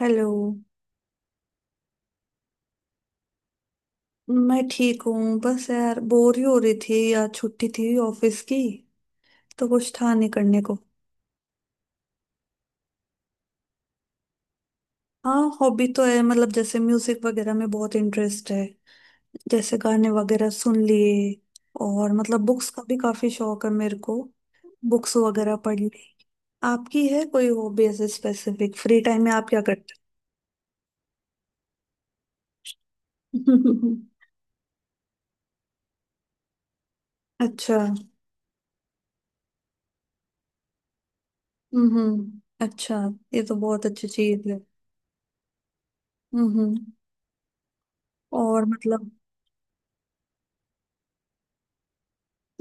Hello. मैं ठीक हूँ, बस यार बोर ही हो रही थी। यार छुट्टी थी ऑफिस की, तो कुछ था नहीं करने को। हाँ हॉबी तो है, मतलब जैसे म्यूजिक वगैरह में बहुत इंटरेस्ट है। जैसे गाने वगैरह सुन लिए, और मतलब बुक्स का भी काफी शौक है मेरे को। बुक्स वगैरह पढ़ ली। आपकी है कोई हॉबी ऐसे स्पेसिफिक, फ्री टाइम में आप क्या करते हो? अच्छा। अच्छा। ये तो बहुत अच्छी चीज है। हम्म हम्म, और मतलब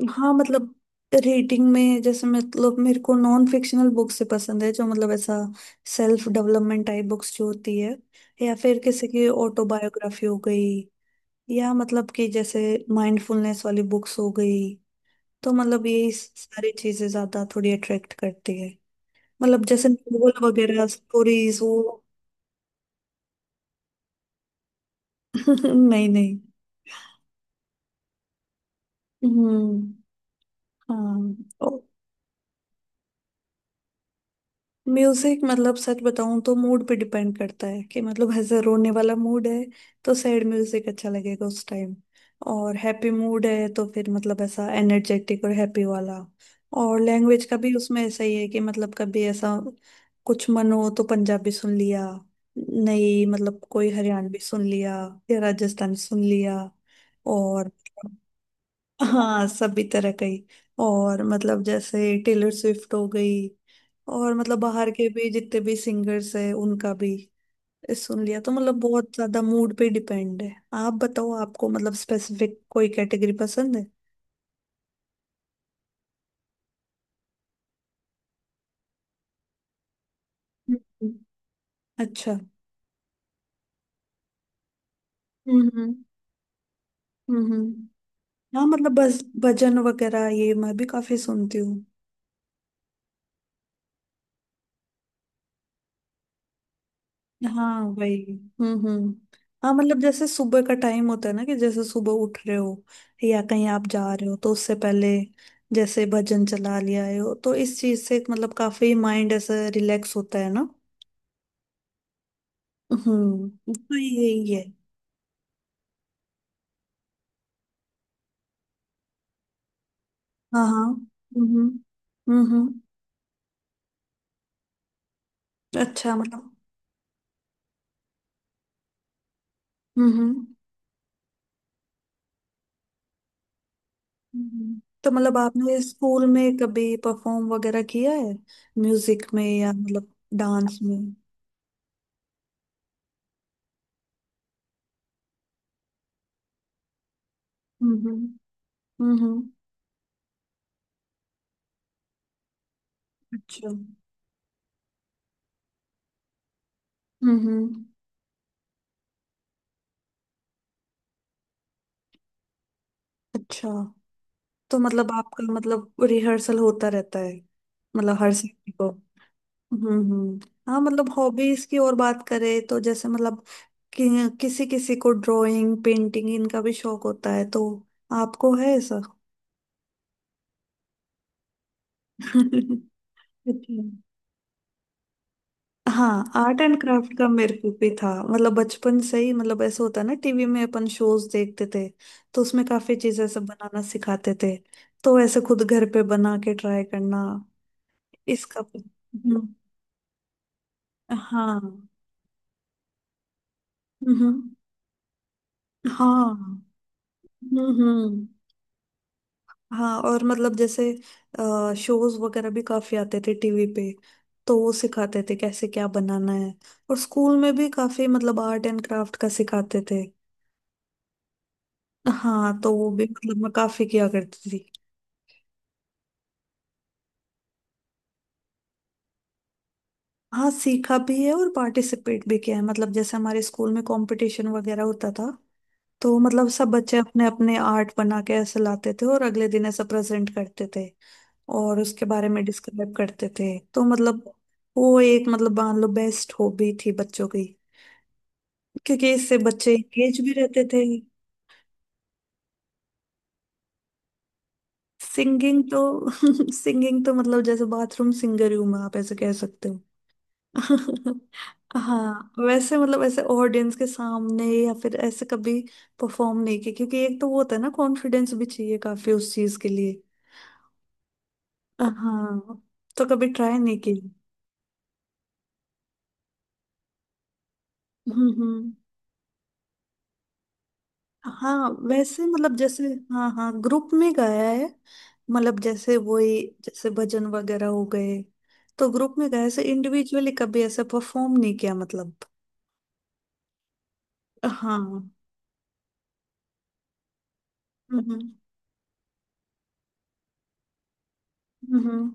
हाँ मतलब रीडिंग में जैसे, मतलब मेरे को नॉन फिक्शनल बुक्स से पसंद है, जो मतलब ऐसा सेल्फ डेवलपमेंट टाइप बुक्स जो होती है, या फिर किसी की ऑटोबायोग्राफी हो गई, या मतलब कि जैसे माइंडफुलनेस वाली बुक्स हो गई। तो मतलब यही सारी चीजें ज्यादा थोड़ी अट्रैक्ट करती है। मतलब जैसे नोवेल वगैरह स्टोरीज वो नहीं नहीं। हम्म। हाँ म्यूजिक मतलब सच बताऊं तो मूड पे डिपेंड करता है। कि मतलब ऐसा रोने वाला मूड है तो सैड म्यूजिक अच्छा लगेगा उस टाइम, और हैप्पी मूड है तो फिर मतलब ऐसा एनर्जेटिक और हैप्पी वाला। और लैंग्वेज का भी उसमें ऐसा ही है कि मतलब कभी ऐसा कुछ मन हो तो पंजाबी सुन लिया, नहीं मतलब कोई हरियाणवी सुन लिया, या राजस्थानी सुन लिया। और हाँ सभी तरह का ही। और मतलब जैसे टेलर स्विफ्ट हो गई, और मतलब बाहर के भी जितने भी सिंगर्स हैं उनका भी सुन लिया। तो मतलब बहुत ज्यादा मूड पे डिपेंड है। आप बताओ, आपको मतलब स्पेसिफिक कोई कैटेगरी पसंद है? हम्म। अच्छा। हम्म हम्म। हम्म। हाँ मतलब बस भजन वगैरह ये मैं भी काफी सुनती हूँ। हाँ वही। हम्म। हाँ मतलब जैसे सुबह का टाइम होता है ना, कि जैसे सुबह उठ रहे हो, या कहीं आप जा रहे हो तो उससे पहले जैसे भजन चला लिया हो तो इस चीज से मतलब काफी माइंड ऐसा रिलैक्स होता है ना। हम्म। तो यही है। हाँ हाँ। हम्म हम्म। अच्छा। मतलब हम्म हम्म। हम्म। तो मतलब आपने स्कूल में कभी परफॉर्म वगैरह किया है म्यूजिक में, या मतलब डांस में? हम्म। हम्म, हम्म, अच्छा। हम्म हम्म, अच्छा। तो मतलब आपका मतलब रिहर्सल होता रहता है, मतलब हर सीख को? हम्म। हाँ मतलब हॉबीज की और बात करें, तो जैसे मतलब किसी किसी को ड्राइंग पेंटिंग इनका भी शौक होता है, तो आपको है ऐसा? अच्छा। हाँ आर्ट एंड क्राफ्ट का मेरे को भी था, मतलब बचपन से ही मतलब ऐसा होता ना टीवी में अपन शोज देखते थे, तो उसमें काफी चीजें सब बनाना सिखाते थे। तो ऐसे खुद घर पे बना के ट्राई करना इसका भी- हम्म, हाँ। हम्म। हाँ। हम्म। हाँ और मतलब जैसे शोज वगैरह भी काफी आते थे टीवी पे, तो वो सिखाते थे कैसे क्या बनाना है। और स्कूल में भी काफी मतलब आर्ट एंड क्राफ्ट का सिखाते थे। हाँ तो वो भी मतलब मैं काफी किया करती थी। हाँ सीखा भी है और पार्टिसिपेट भी किया है। मतलब जैसे हमारे स्कूल में कंपटीशन वगैरह होता था, तो मतलब सब बच्चे अपने अपने आर्ट बना के ऐसे लाते थे और अगले दिन ऐसा प्रेजेंट करते थे, और उसके बारे में डिस्क्राइब करते थे। तो मतलब वो एक मतलब मान लो बेस्ट हॉबी थी बच्चों की, क्योंकि इससे बच्चे एंगेज भी रहते थे। सिंगिंग तो सिंगिंग तो मतलब जैसे बाथरूम सिंगर ही हूँ मैं, आप ऐसे कह सकते हो। हाँ वैसे मतलब ऐसे ऑडियंस के सामने या फिर ऐसे कभी परफॉर्म नहीं किया, क्योंकि एक तो वो होता है ना, कॉन्फिडेंस भी चाहिए काफी उस चीज के लिए। हाँ तो कभी ट्राई नहीं की। हम्म। हाँ वैसे मतलब जैसे हाँ हाँ ग्रुप में गाया है। मतलब जैसे वही जैसे भजन वगैरह हो गए, तो ग्रुप में गाया। ऐसे इंडिविजुअली कभी ऐसे परफॉर्म नहीं किया मतलब। हाँ। हम्म हम्म,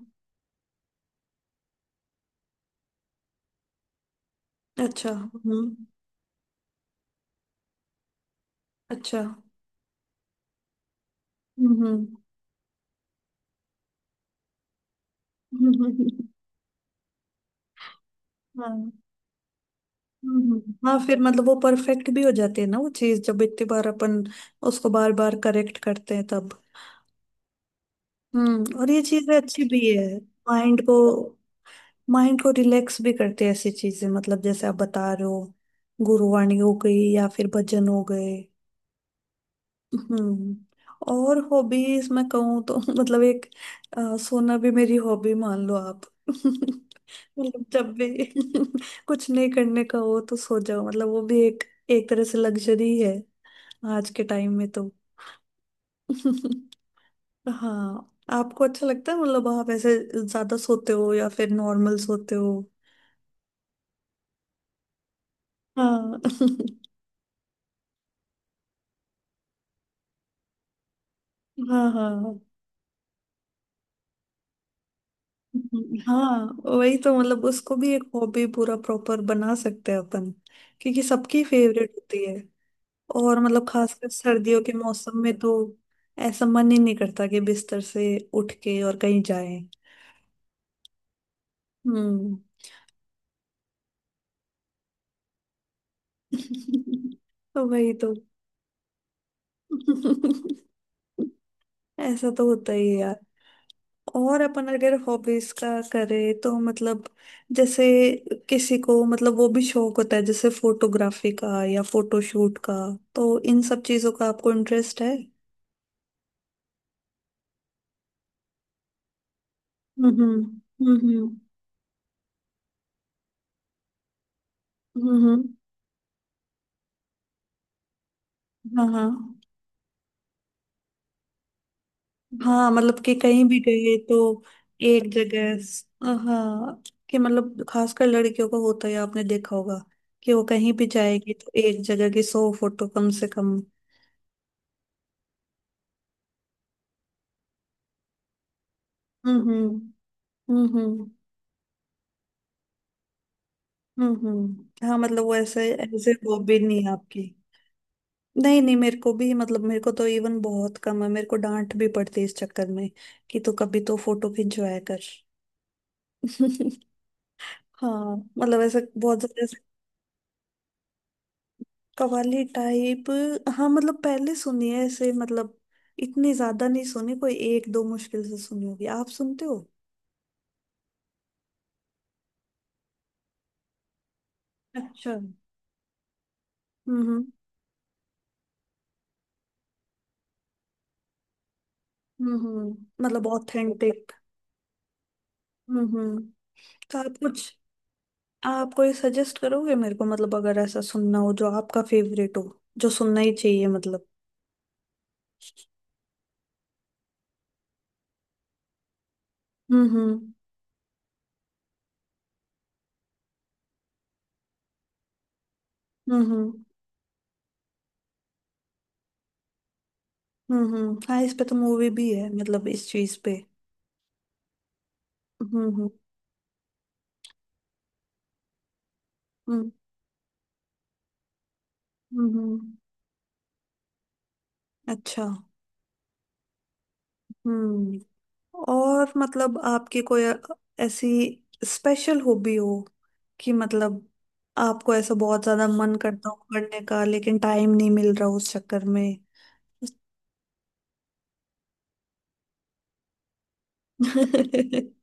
अच्छा। हम्म, अच्छा। हम्म। हाँ। हाँ फिर मतलब वो परफेक्ट भी हो जाती है ना वो चीज, जब इतनी बार अपन उसको बार बार करेक्ट करते हैं तब। हम्म। और ये चीजें अच्छी भी है। माइंड को माइंड को रिलैक्स भी करते हैं ऐसी चीजें, मतलब जैसे आप बता रहे हो गुरुवाणी हो गई या फिर भजन हो गए। हम्म। और हॉबीज मैं कहूँ तो मतलब एक सोना भी मेरी हॉबी मान लो आप। मतलब जब भी कुछ नहीं करने का हो तो सो जाओ, मतलब वो भी एक एक तरह से लग्जरी है आज के टाइम में तो। हाँ आपको अच्छा लगता है, मतलब आप ऐसे ज्यादा सोते हो या फिर नॉर्मल सोते हो? हाँ हाँ हाँ। हाँ वही तो। मतलब उसको भी एक हॉबी पूरा प्रॉपर बना सकते हैं अपन, क्योंकि सबकी फेवरेट होती है। और मतलब खासकर सर्दियों के मौसम में तो ऐसा मन ही नहीं करता कि बिस्तर से उठ के और कहीं जाए। हम्म। तो वही तो। ऐसा तो होता ही है यार। और अपन अगर हॉबीज का करें तो मतलब जैसे किसी को मतलब वो भी शौक होता है जैसे फोटोग्राफी का या फोटोशूट का, तो इन सब चीजों का आपको इंटरेस्ट है? हम्म हम्म। हम्म, हाँ हाँ। हाँ मतलब कि कहीं भी गए तो एक जगह हाँ, कि मतलब खासकर लड़कियों का होता है आपने देखा होगा, कि वो कहीं भी जाएगी तो एक जगह की सौ फोटो कम से कम। हम्म। हम्म। हम्म। हाँ मतलब वो ऐसे ऐसे हॉबी नहीं है आपकी। नहीं नहीं, मेरे को भी मतलब मेरे को तो इवन बहुत कम है। मेरे को डांट भी पड़ती है इस चक्कर में, कि तू कभी तो फोटो खिंचवाया कर। हाँ मतलब ऐसे बहुत ज्यादा ऐसे। कव्वाली टाइप? हाँ मतलब पहले सुनी है ऐसे, मतलब इतनी ज्यादा नहीं सुनी, कोई एक दो मुश्किल से सुनी होगी। आप सुनते हो? अच्छा। हम्म। मतलब ऑथेंटिक। हम्म। तो आप कुछ आप कोई सजेस्ट करोगे मेरे को, मतलब अगर ऐसा सुनना हो जो आपका फेवरेट हो, जो सुनना ही चाहिए मतलब। हम्म। हम्म हम्म। हाँ, इस पे तो मूवी भी है, मतलब इस चीज पे। हम्म। हम्म हम्म। हम्म। अच्छा। हम्म। और मतलब आपकी कोई ऐसी स्पेशल हॉबी हो, कि मतलब आपको ऐसा बहुत ज्यादा मन करता हो करने का, लेकिन टाइम नहीं मिल रहा उस चक्कर में?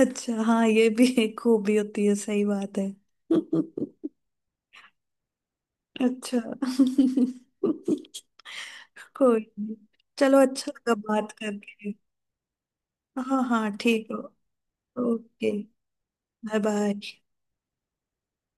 अच्छा हाँ ये भी एक खूबी होती है, सही बात है। अच्छा। कोई नहीं। चलो अच्छा लगा बात करके। हाँ हाँ ठीक हो। ओके। Bye bye.